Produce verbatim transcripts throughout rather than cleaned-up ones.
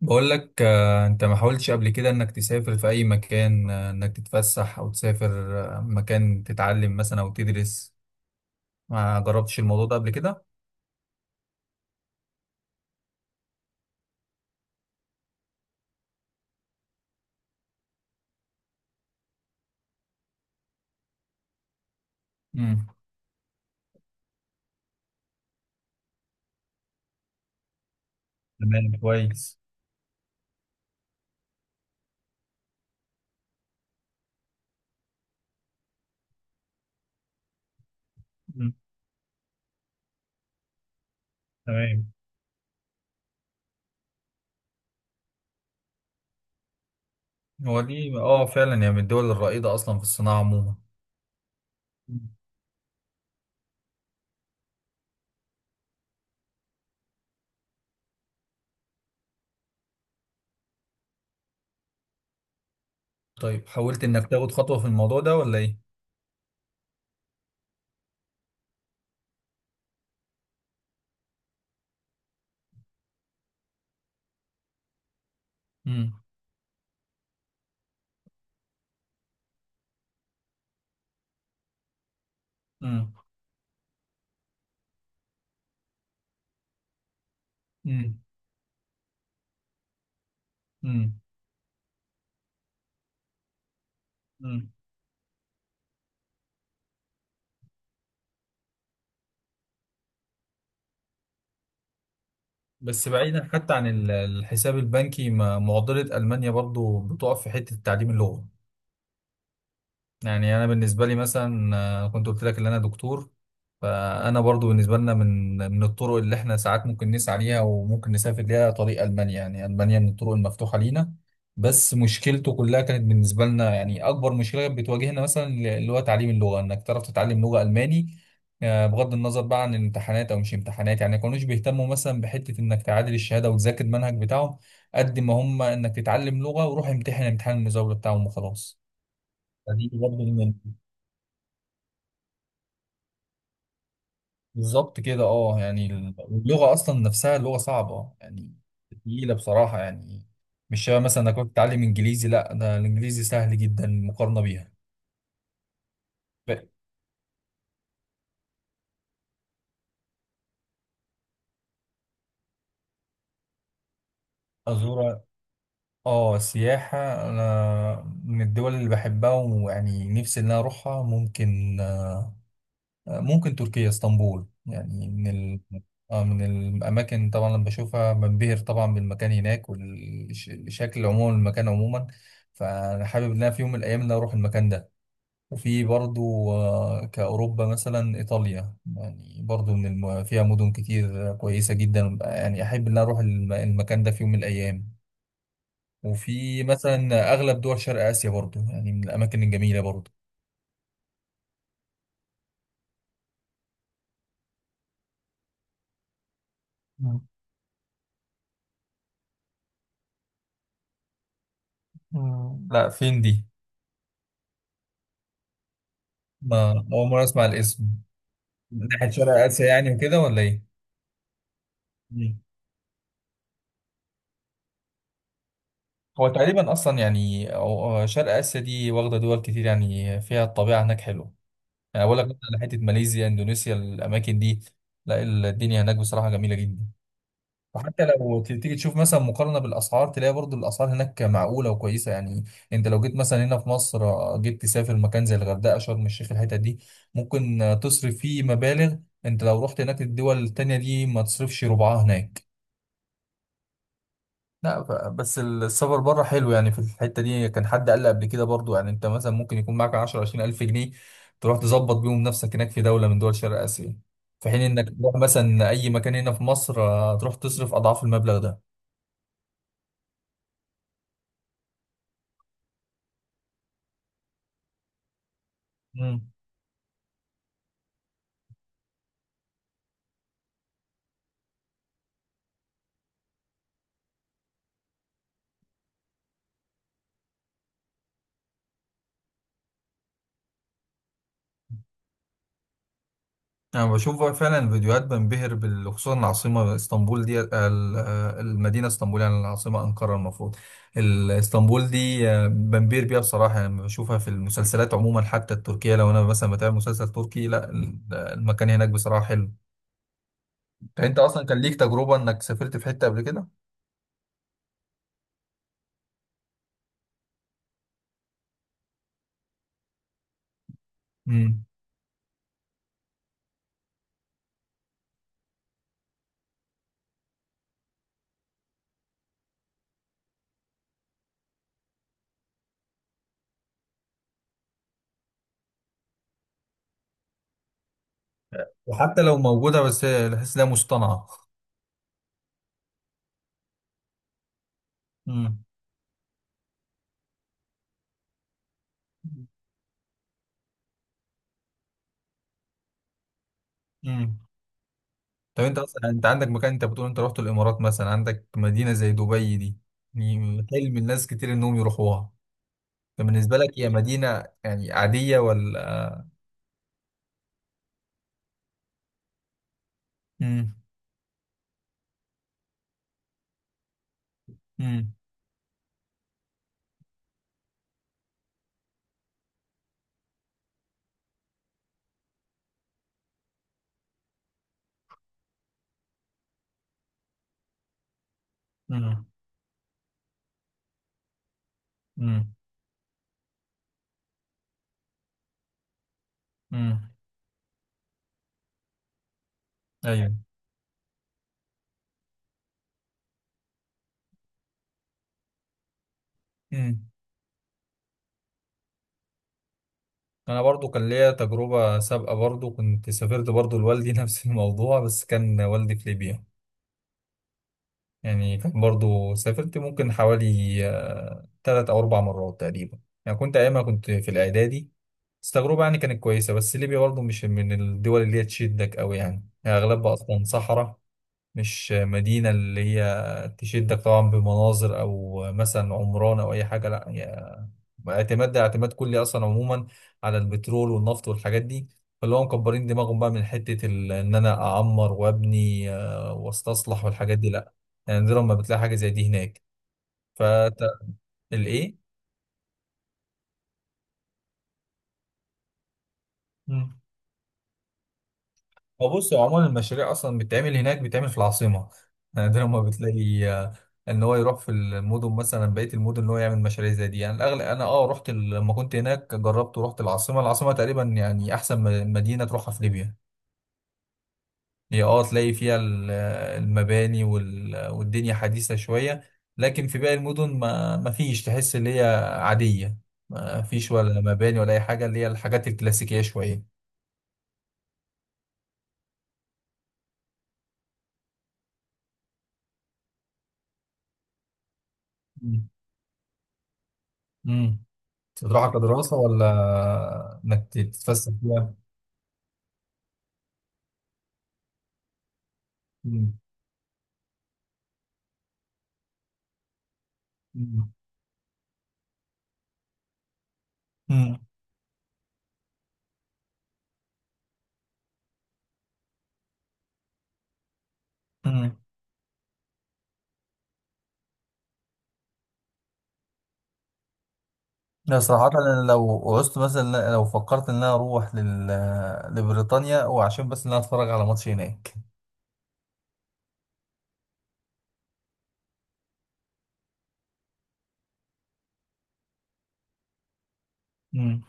بقول لك آه، انت ما حاولتش قبل كده انك تسافر في اي مكان، آه، انك تتفسح او تسافر آه، مكان تتعلم مثلا او تدرس. ما جربتش الموضوع ده قبل كده؟ امم. تمام كويس. مم. تمام. هو دي اه فعلا، يعني من الدول الرائدة اصلا في الصناعة عموما. مم. طيب حاولت انك تاخد خطوة في الموضوع ده ولا ايه؟ امم. امم. امم. امم. امم. بس بعيدا حتى عن ال- الحساب البنكي، ما- معضلة ألمانيا برضو بتقف في حتة تعليم اللغة. يعني انا بالنسبه لي مثلا، آه، كنت قلت لك ان انا دكتور. فانا برضو بالنسبه لنا من من الطرق اللي احنا ساعات ممكن نسعى ليها وممكن نسافر ليها، طريق المانيا، يعني المانيا من الطرق المفتوحه لينا. بس مشكلته كلها كانت بالنسبه لنا، يعني اكبر مشكله كانت بتواجهنا مثلا اللي هو تعليم اللغه، انك تعرف تتعلم لغه الماني. آه، بغض النظر بقى عن الامتحانات او مش امتحانات، يعني ما كانوش بيهتموا مثلا بحته انك تعادل الشهاده وتذاكر المنهج بتاعهم، قد ما هم انك تتعلم لغه وروح امتحن امتحان المزاوله بتاعهم وخلاص. فدي برضه من بالظبط كده. اه يعني ال- اللغة أصلا نفسها لغة صعبة يعني، تقيلة بصراحة يعني. مش شبه مثلا إنك بتتعلم إنجليزي، لا ده الإنجليزي سهل جدا مقارنة بيها. ف- أزور. اه السياحة، أنا من الدول اللي بحبها ويعني نفسي إن أنا أروحها. ممكن ممكن تركيا اسطنبول، يعني من ال... آه، من الأماكن طبعا لما بشوفها بنبهر طبعا بالمكان هناك والشكل عموما المكان عموما. فأنا حابب إن أنا في يوم من الأيام إن أنا أروح المكان ده. وفي برضو آه، كأوروبا مثلا إيطاليا، يعني برضو من الم... فيها مدن كتير آه، كويسة جدا، يعني أحب إن أنا أروح الم... المكان ده في يوم من الأيام. وفي مثلا أغلب دول شرق آسيا برضو، يعني من الأماكن الجميلة برضو. مم. مم. لا فين دي؟ ما أول مرة أسمع الاسم. من ناحية شرق آسيا يعني وكده ولا إيه؟ مم. هو تقريبا أصلا يعني أو- آه، شرق آسيا دي واخدة دول كتير، يعني فيها الطبيعة هناك حلوة. يعني اقول لك مثلا على حته ماليزيا اندونيسيا، الاماكن دي. لا الدنيا هناك بصراحه جميله جدا. وحتى لو ت- تيجي تشوف مثلا مقارنه بالاسعار، تلاقي برضو الاسعار هناك معقوله وكويسه يعني. انت لو جيت مثلا هنا في مصر، آه، جيت تسافر مكان زي الغردقه شرم الشيخ الحتت دي، ممكن آه، تصرف فيه مبالغ. انت لو رحت هناك الدول التانية دي ما تصرفش ربعها هناك. لا ف- بس السفر بره حلو يعني في الحتة دي. كان حد قال لي قبل كده برضو، يعني انت مثلا ممكن يكون معاك عشر عشرين ألف جنيه، تروح تظبط بيهم نفسك هناك في دولة من دول شرق آسيا، في حين انك تروح مثلا أي مكان هنا في مصر، آه، تروح تصرف أضعاف المبلغ ده. أنا بشوف فعلا فيديوهات بنبهر بال- خصوصا العاصمة اسطنبول دي ال- آه، المدينة اسطنبول، يعني العاصمة أنقرة المفروض. ال- اسطنبول دي، آه، بنبهر بيها بصراحة، يعني لما بشوفها في المسلسلات عموما حتى التركية، لو أنا مثلا بتابع مسلسل تركي، لا ال- المكان هناك بصراحة حلو. أنت أصلا كان ليك تجربة إنك سافرت في حتة قبل كده؟ مم. وحتى لو موجودة بس هي- بحس إنها مصطنعة. مم. مم. طب انت اصلا، انت عندك مكان، انت بتقول انت رحت الامارات مثلا، عندك مدينه زي دبي دي يعني حلم الناس كتير انهم يروحوها، فبالنسبه لك هي مدينه يعني عاديه ولا... امم. امم. امم. امم. امم. ايوه. امم. انا برضو كان ليا تجربه سابقه برضو، كنت سافرت برضو لوالدي نفس الموضوع، بس كان والدي في ليبيا. يعني كان برضو سافرت ممكن حوالي، آه، تلات او اربع مرات تقريبا. يعني كنت ايامها كنت في الاعدادي. بس التجربة يعني كانت كويسة، بس ليبيا برضه مش من الدول اللي هي تشدك أوي، يعني هي أغلبها أصلا صحراء. مش مدينة اللي هي تشدك طبعا بمناظر أو مثلا عمران أو أي حاجة، لا هي اعتماد، ده اعتماد كلي أصلا عموما على البترول والنفط والحاجات دي. فاللي هم مكبرين دماغهم بقى من حتة ال- إن أنا أعمر وأبني آه، وأستصلح والحاجات دي، لا يعني دي لما بتلاقي حاجة زي دي هناك. فالإيه؟ هو بص، هو عموما المشاريع اصلا بتتعمل هناك بتتعمل في العاصمه. نادرا ما بتلاقي، آه، ان هو يروح في المدن مثلا بقيه المدن ان هو يعمل مشاريع زي دي. يعني الاغلب انا اه رحت ال- لما كنت هناك جربت ورحت العاصمه. العاصمه تقريبا يعني احسن م- مدينه تروحها في ليبيا. هي اه تلاقي فيها ال- آه، المباني وال- والدنيا حديثه شويه. لكن في باقي المدن ما ما فيش، تحس اللي هي عاديه، ما فيش ولا مباني ولا اي حاجه، اللي هي الحاجات الكلاسيكيه شويه. مم. تروحها كدراسة ولا إنك تتفسح فيها؟ مم. مم. مم. مم. لا صراحة أنا لو عوزت مثلا، لو فكرت إن أنا أروح لل... لبريطانيا، وعشان بس إن أنا أتفرج على ماتش هناك. مم.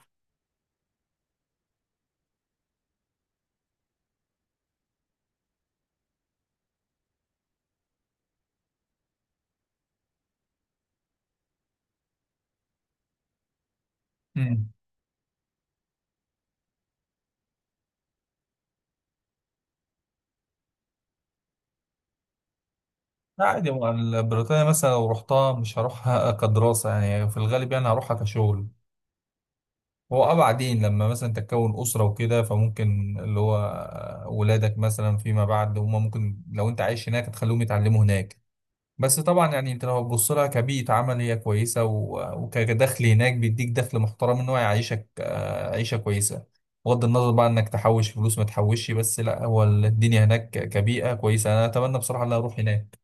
مم. لا عادي، ما بريطانيا مثلا لو رحتها مش هروحها كدراسة يعني، في الغالب يعني هروحها كشغل. هو اه بعدين لما مثلا تكون أسرة وكده، فممكن اللي هو ولادك مثلا فيما بعد، هما ممكن لو أنت عايش هناك تخليهم يتعلموا هناك. بس طبعا يعني انت لو هتبص لها كبيئة عمل هي كويسة، و- وكدخل هناك بيديك دخل محترم ان هو يعيشك آه، عيشة كويسة. بغض النظر بقى انك تحوش فلوس ما تحوشش، بس لا هو الدنيا هناك كبيئة كويسة، انا اتمنى بصراحة ان أنا اروح هناك.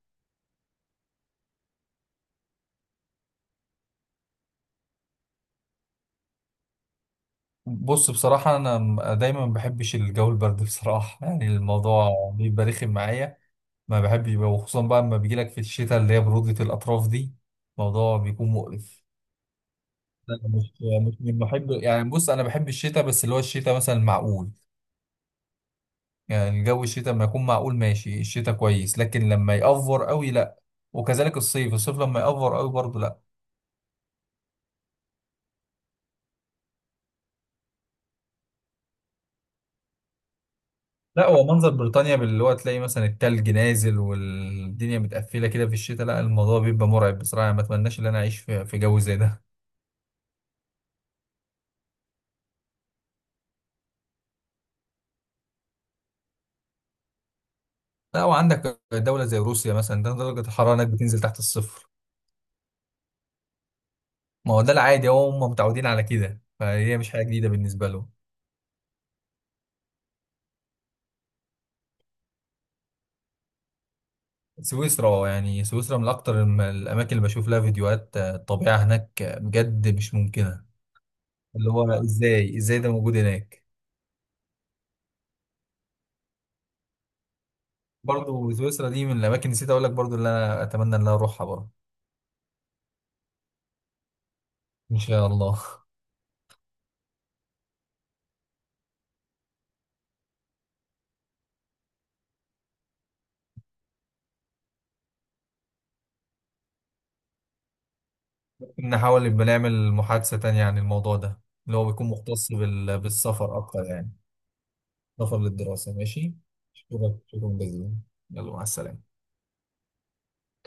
بص بصراحة انا م- دايما ما بحبش الجو البرد بصراحة يعني الموضوع بيبقى رخم معايا. ما بحبش، وخصوصا بقى لما بيجيلك في الشتاء اللي هي برودة الاطراف دي، الموضوع بيكون مقرف. أنا مش مش من محب يعني، بص انا بحب الشتاء بس اللي هو الشتاء مثلا معقول. يعني الجو، الشتاء لما يكون معقول ماشي الشتاء كويس، لكن لما يأفور قوي لا. وكذلك الصيف، الصيف لما يأفور قوي برضه لا. لا هو منظر بريطانيا باللي هو تلاقي مثلا التلج نازل والدنيا متقفلة كده في الشتاء، لا الموضوع بيبقى مرعب بصراحة، ما اتمناش ان انا اعيش في في جو زي ده. لا وعندك دولة زي روسيا مثلا، ده درجة الحرارة هناك بتنزل تحت الصفر. ما هو ده العادي، هو هم متعودين على كده، فهي مش حاجة جديدة بالنسبة لهم. سويسرا يعني، سويسرا من أكتر الم- الأماكن اللي بشوف لها فيديوهات، آه، الطبيعة هناك، آه، بجد مش ممكنة. اللي هو ازاي ازاي ده موجود هناك. برضو سويسرا دي من الاماكن، نسيت اقول لك برضو اللي انا اتمنى ان انا اروحها برضو. ان شاء الله. نحاول نبقى نعمل محادثة تانية عن الموضوع ده، اللي هو بيكون مختص بال... بالسفر اكتر يعني، سفر للدراسة ماشي. شكرا، شكرا جزيلا. يلا مع السلامة.